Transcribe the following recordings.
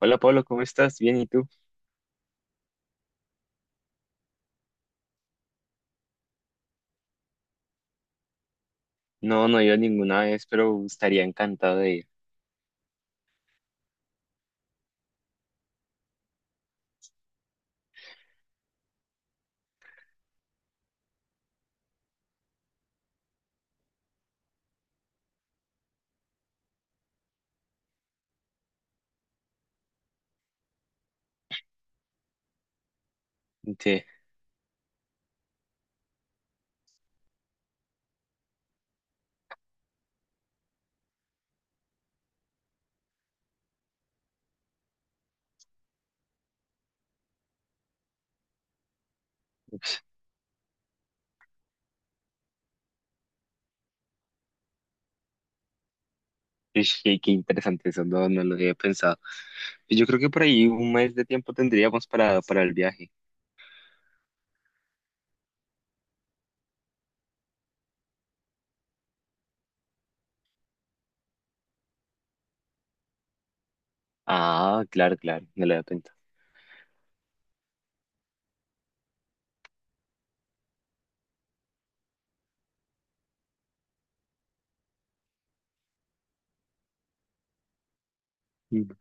Hola Pablo, ¿cómo estás? Bien, ¿y tú? No, no he ido ninguna vez, pero estaría encantado de ir. Te- Ish, Qué interesante eso, no, no lo había pensado. Yo creo que por ahí un mes de tiempo tendríamos para el viaje. Ah, claro, claro, no lo había pensado. Mm.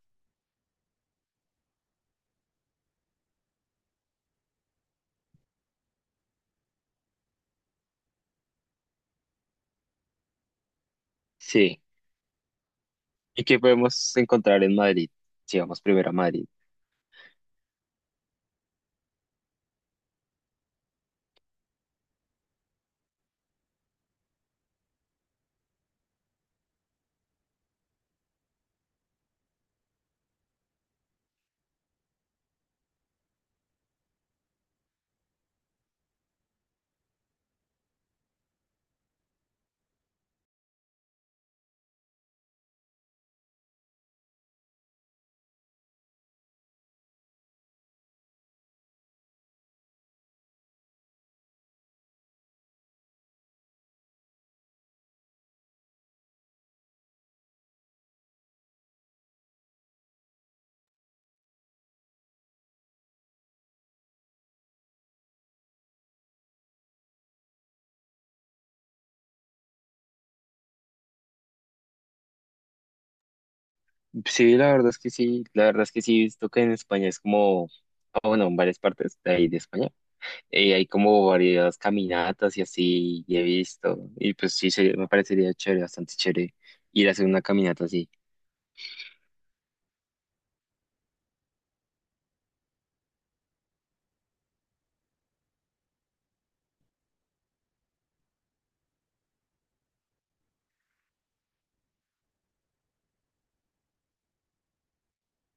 Sí, ¿y qué podemos encontrar en Madrid? Si vamos primero a Madrid. Sí, la verdad es que sí, la verdad es que sí, he visto que en España es como, ah, bueno, en varias partes de ahí de España hay como varias caminatas y así, y he visto, y pues sí, se- me parecería chévere, bastante chévere ir a hacer una caminata así,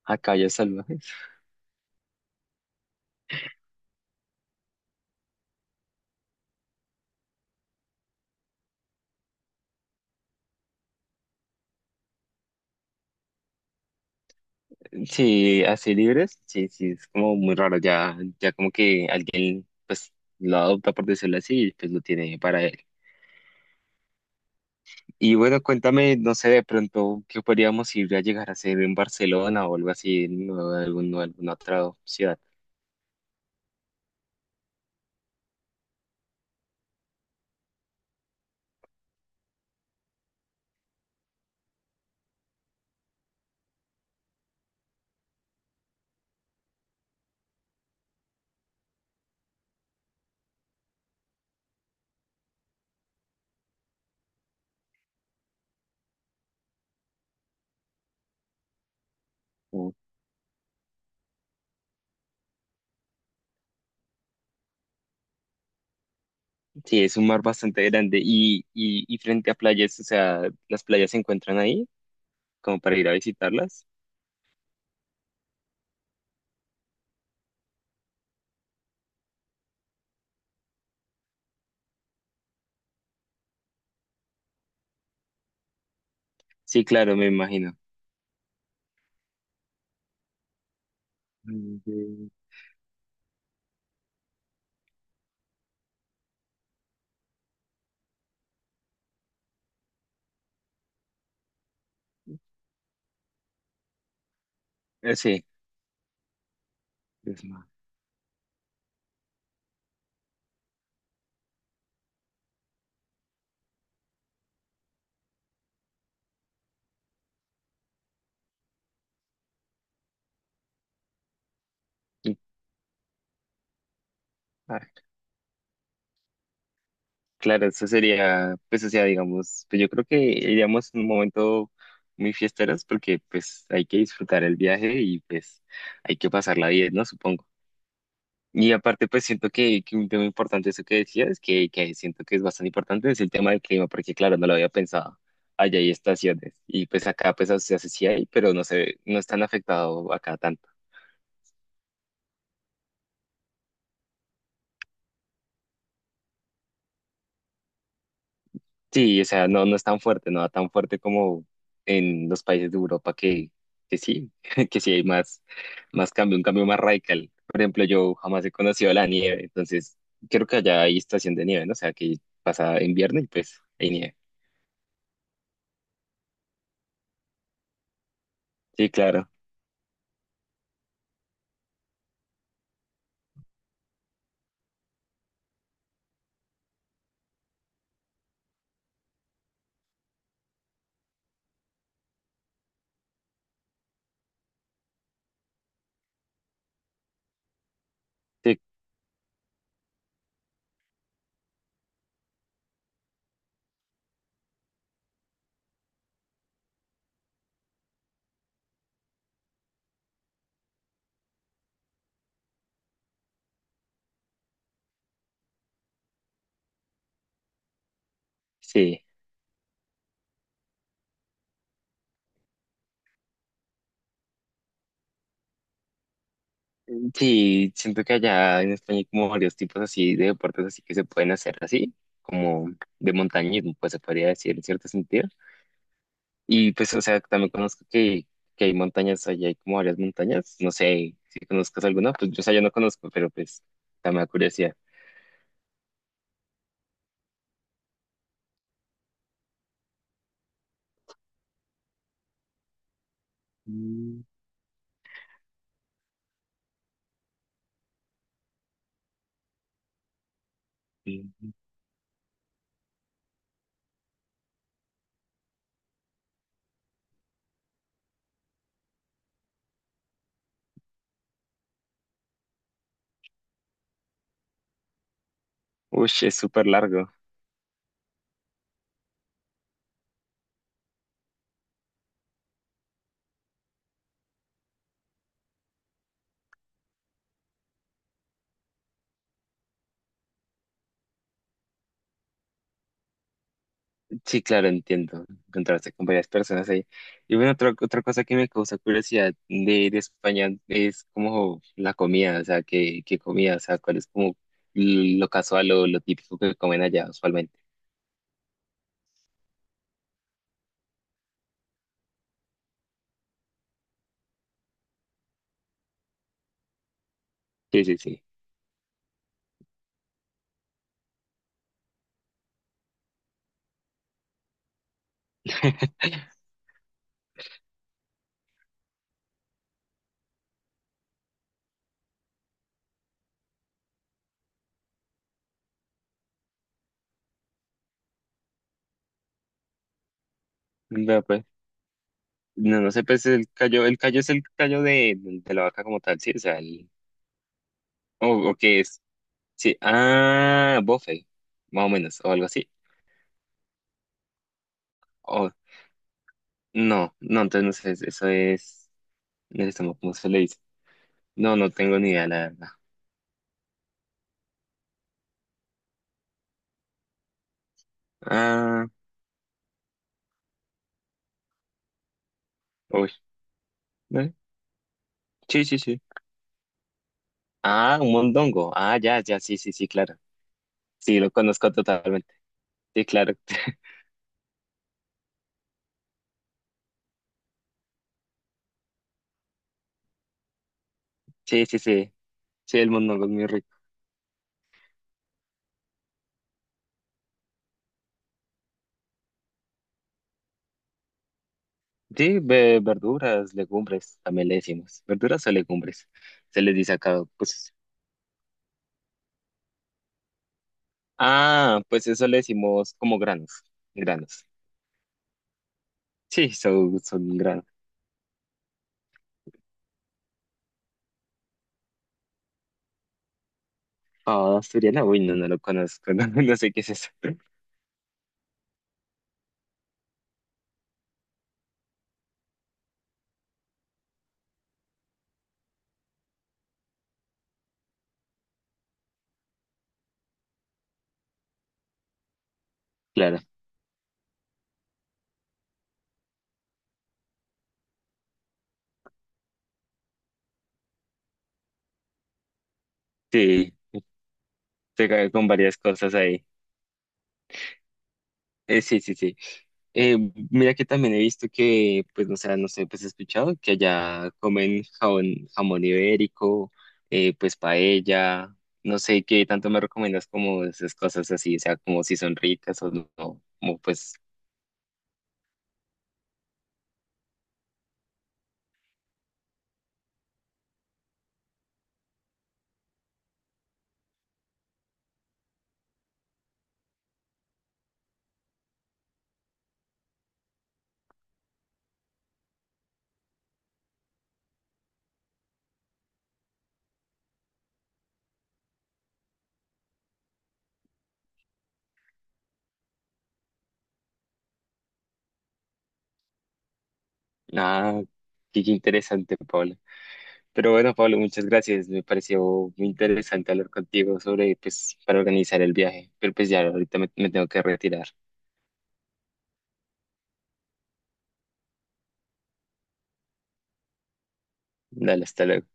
a calles salvajes. Sí, así libres, sí, sí, es como muy raro, ya, ya como que alguien pues lo adopta por decirlo así, y pues lo tiene para él. Y bueno, cuéntame, no sé, de pronto, ¿qué podríamos ir a llegar a hacer en Barcelona o algo así, en algún- alguna otra ciudad? Sí, es un mar bastante grande y frente a playas, o sea, las playas se encuentran ahí como para ir a visitarlas. Sí, claro, me imagino. Mm, de- Sí, es más. Y- ah, claro, eso sería, pues, o sea, digamos, pues yo creo que iríamos en un momento muy fiesteros porque pues hay que disfrutar el viaje y pues hay que pasarla bien, ¿no? Supongo. Y aparte, pues siento que un tema importante, eso que decías, que siento que es bastante importante, es el tema del clima, porque claro, no lo había pensado. Allá hay estaciones y pues acá pues se hace sí hay, pero no se, no es tan afectado acá tanto. Sí, o sea, no, no es tan fuerte, no tan fuerte como en los países de Europa que sí, que sí hay más, más cambio, un cambio más radical. Por ejemplo, yo jamás he conocido la nieve, entonces creo que allá hay estación de nieve, ¿no? O sea, que pasa invierno y pues hay nieve. Sí, claro. Sí, sí. Sí, siento que allá en España hay como varios tipos así de deportes así que se pueden hacer así, como de montañismo, pues se podría decir en cierto sentido. Y pues, o sea, también conozco que hay montañas allá, hay como varias montañas. No sé si conozcas alguna, pues yo, o sea, yo no conozco, pero pues también me da curiosidad. Mm, sí. Uy, es súper largo. Sí, claro, entiendo. Encontrarse con varias personas ahí. Y bueno, otra, otra cosa que me causa curiosidad de España es como la comida, o sea, qué, qué comida, o sea, cuál es como lo casual o lo típico que comen allá usualmente. Sí, sí, sí. No, pues, no, no sé, pues el callo es el callo de la vaca como tal, sí, o sea, el, o qué es, sí, ah, bofe, más o menos, o algo así, o, no, no, entonces no sé, eso es, no sé cómo se le dice. No, no tengo ni idea, la verdad. Ah, uy. ¿Ve? Sí, sí, sí. Ah, un mondongo. Ah, ya, ya, sí, sí, sí, claro. Sí, lo conozco totalmente. Sí, claro. Sí, sí, sí. Sí, el mondongo es muy rico. Sí, ve- verduras, legumbres, también le decimos. Verduras o legumbres. Se les dice acá, pues. Ah, pues eso le decimos como granos. Granos. Sí, son, son granos. Ah, asturiana, uy, no, no lo conozco. No, no sé qué es eso. Claro. Sí, se cae con varias cosas ahí. Sí, sí, sí. Eh, mira que también he visto que, pues, no sé, no sé, pues he escuchado que allá comen jabón- jamón ibérico, pues paella, no sé qué tanto me recomiendas como esas cosas así, o sea, como si son ricas o no, no, como pues, nada, qué, qué interesante, Pablo. Pero bueno, Pablo, muchas gracias, me pareció muy interesante hablar contigo sobre, pues, para organizar el viaje, pero pues ya ahorita me tengo que retirar. Dale, hasta luego.